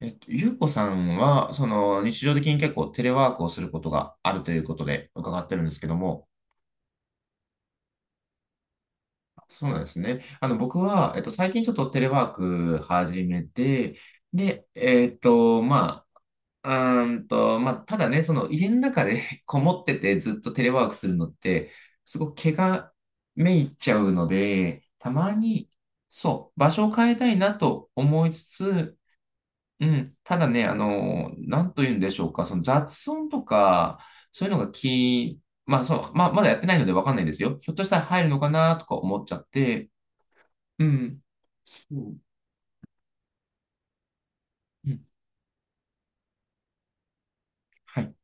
ゆうこさんは、その日常的に結構テレワークをすることがあるということで伺ってるんですけども。そうなんですね。僕は、最近ちょっとテレワーク始めて、で、まあ、まあ、ただね、その家の中で こもっててずっとテレワークするのって、すごく毛がめいっちゃうので、たまに、そう、場所を変えたいなと思いつつ。うん、ただね、なんと言うんでしょうか。その雑音とか、そういうのが気、まあそう、まあ、まだやってないのでわかんないですよ。ひょっとしたら入るのかなとか思っちゃって。うん、そう、うん、はい、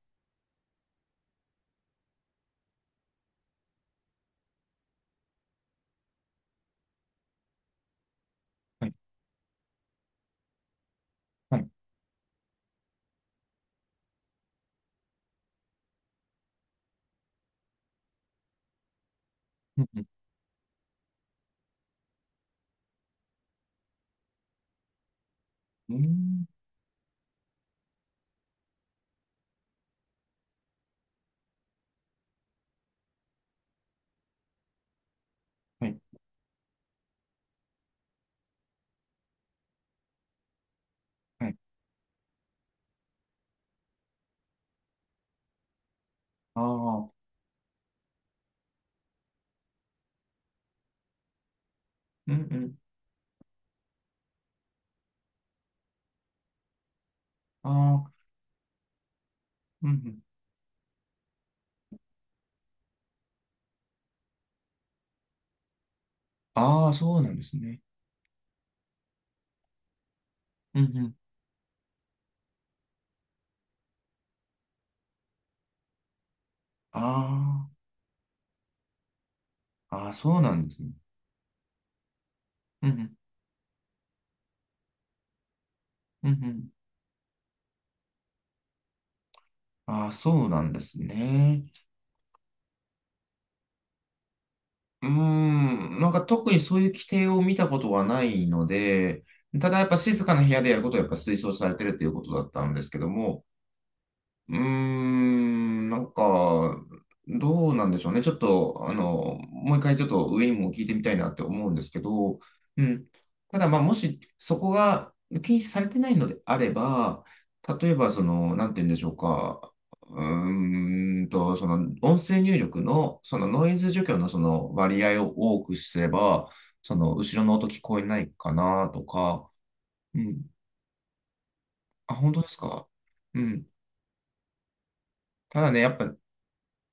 はい、はい、うん、うん、うん、はい、はい、ああ、うん、うん、ああ、うんうん、ああ、そうなんですね。うん、うん、ああ、ああ、そうなんですね。うん、うん、うん、うん、ああ、そうなんですね。うーん。なんか特にそういう規定を見たことはないので、ただやっぱ静かな部屋でやることはやっぱ推奨されてるっていうことだったんですけども、うーん、なんか、どうなんでしょうね。ちょっと、もう一回ちょっと上にも聞いてみたいなって思うんですけど。うん。ただ、まあ、もしそこが禁止されてないのであれば、例えば、その、なんて言うんでしょうか。その、音声入力の、そのノイズ除去のその割合を多くすれば、その、後ろの音聞こえないかなとか。うん。あ、本当ですか？うん、ただね、やっぱ、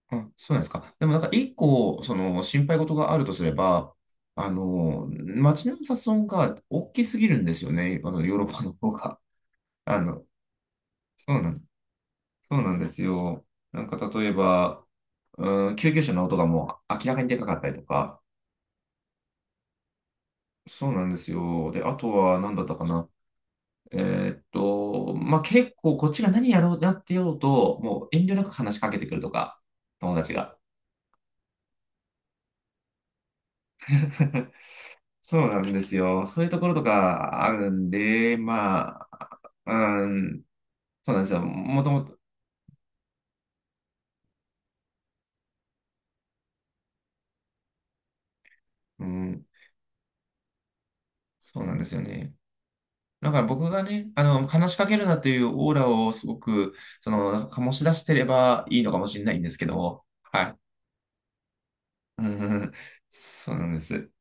あ、そうなんですか。でもなんか一個、その心配事があるとすれば、街の雑音が大きすぎるんですよね。ヨーロッパの方が。あの、そうなん、そうなんですよ。なんか例えば、うん、救急車の音がもう明らかにでかかったりとか、そうなんですよ。で、あとは何だったかな。えまあ、結構こっちが何やろうなってようと、もう遠慮なく話しかけてくるとか。友達が。そうなんですよ。そういうところとかあるんで、まあ、うん、そうなんですよ。もともと、うん、そうなんですよね。だから僕がね、話しかけるなっていうオーラをすごく、その、醸し出してればいいのかもしれないんですけど。はい。うん、そうなんです。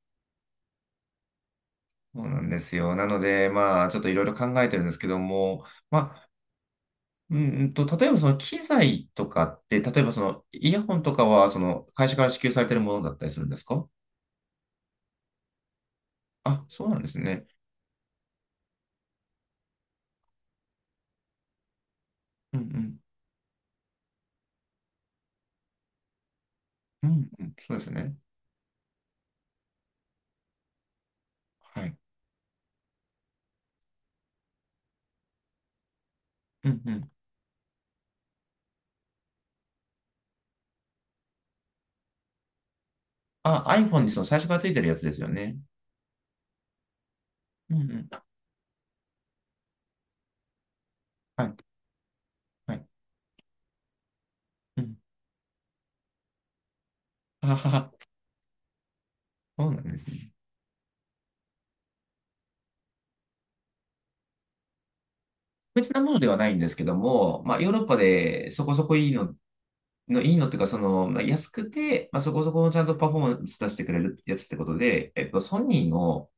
そうなんですよ。なので、まあ、ちょっといろいろ考えてるんですけども、まあ、うんうんと、例えばその機材とかって、例えばそのイヤホンとかは、その会社から支給されてるものだったりするんですか？あ、そうなんですね。うんうん。うんうん。そうですね。はい。うんうん。あ、iPhone にその最初からついてるやつですよね。うんうん。はい。はい。うん。あはは。そうなんですね。別なものではないんですけども、まあ、ヨーロッパでそこそこいいの、いいのっていうか、その、まあ、安くて、まあ、そこそこのちゃんとパフォーマンス出してくれるやつってことで、ソニーの、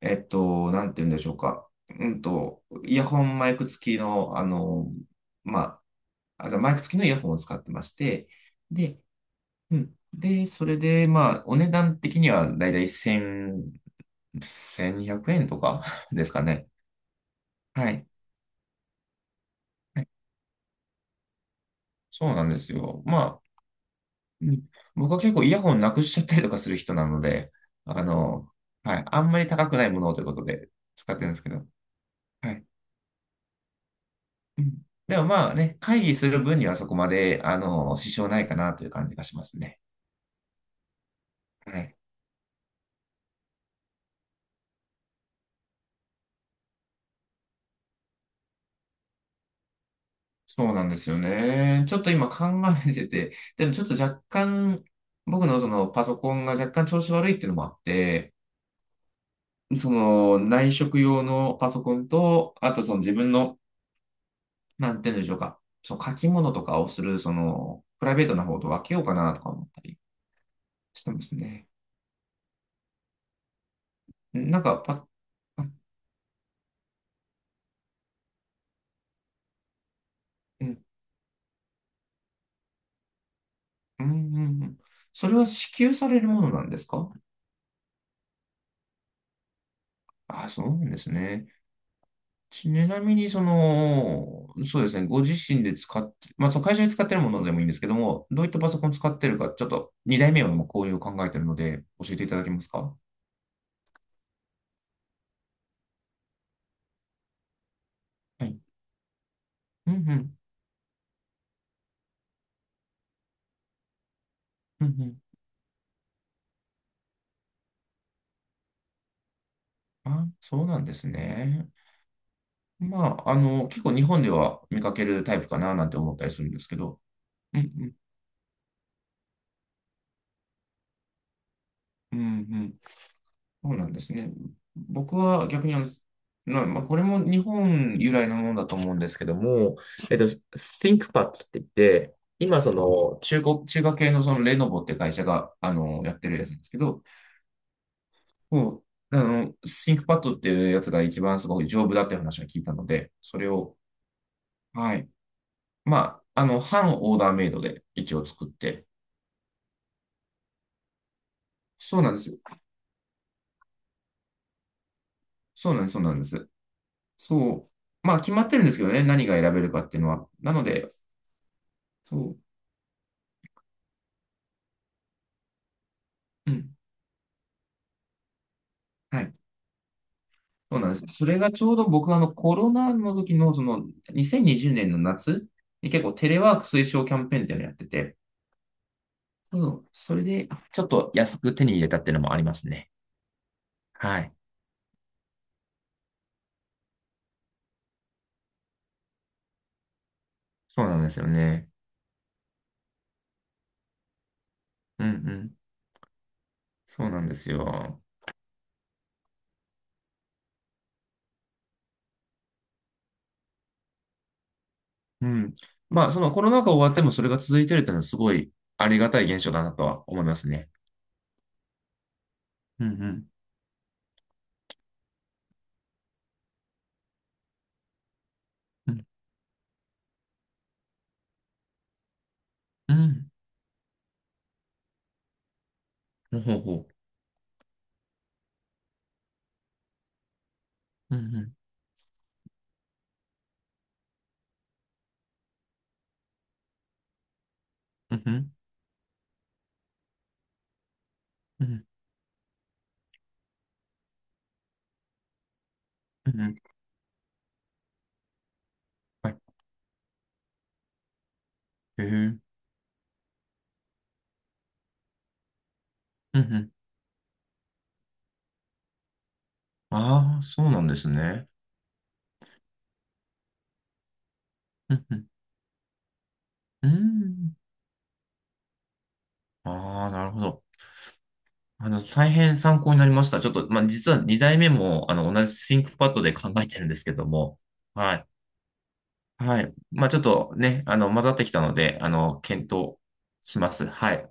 なんて言うんでしょうか。イヤホンマイク付きの、まあ、あとマイク付きのイヤホンを使ってまして、で、うん。で、それで、まあ、お値段的にはだいたい1000、2 0 0円とか ですかね。はい。はい。そうなんですよ。まあ、うん、僕は結構イヤホンなくしちゃったりとかする人なので、あの、はい。あんまり高くないものをということで使ってるんですけど。はい。うん、でもまあね、会議する分にはそこまで、支障ないかなという感じがしますね。はい。そうなんですよね。ちょっと今考えてて、でもちょっと若干、僕のそのパソコンが若干調子悪いっていうのもあって、その内職用のパソコンと、あとその自分の、なんて言うんでしょうか、その書き物とかをする、そのプライベートな方と分けようかなとか思ったりしてますね。なんかパ、あ、うん、うん、うん。うん、それは支給されるものなんですか？あ、そうなんですね。ちなみに、その、そうですね、ご自身で使って、まあ、その会社で使ってるものでもいいんですけども、どういったパソコン使ってるか、ちょっと2代目はもうこういう考えてるので、教えていただけますか？はい。うんうん。うんうん。あ、そうなんですね。まあ、結構日本では見かけるタイプかななんて思ったりするんですけど。うんうん。うん、そうなんですね。僕は逆にまあ、まあこれも日本由来のものだと思うんですけども、ThinkPad って言って、今その中国、中華系のそのレノボって会社が、やってるやつなんですけど、もう、ThinkPad っていうやつが一番すごい丈夫だっていう話を聞いたので、それを、はい。まあ、半オーダーメイドで一応作って、そうなんですよ。そうなんです、そうなんです。そう。まあ、決まってるんですけどね、何が選べるかっていうのは。なので、そう。うん、はい。そうなんです。それがちょうど僕はあのコロナの時のその2020年の夏に結構テレワーク推奨キャンペーンっていうのをやってて、そう、それでちょっと安く手に入れたっていうのもありますね。はい。そうなんですよね。うんうん。そうなんですよ。うん。まあそのコロナ禍終わってもそれが続いてるっていうのはすごいありがたい現象だなとは思いますね。うんうん。うん。うん。ほうほう。うんうん。うんうん。うんうん。うんうん、はい。へえ。うんうん。ああ、そうなんですね。うんうん、うん、ああー、なるほど。大変参考になりました。ちょっと、まあ、実は2代目も、同じ ThinkPad で考えてるんですけども。はい。はい。まあ、ちょっとね、混ざってきたので、検討します。はい。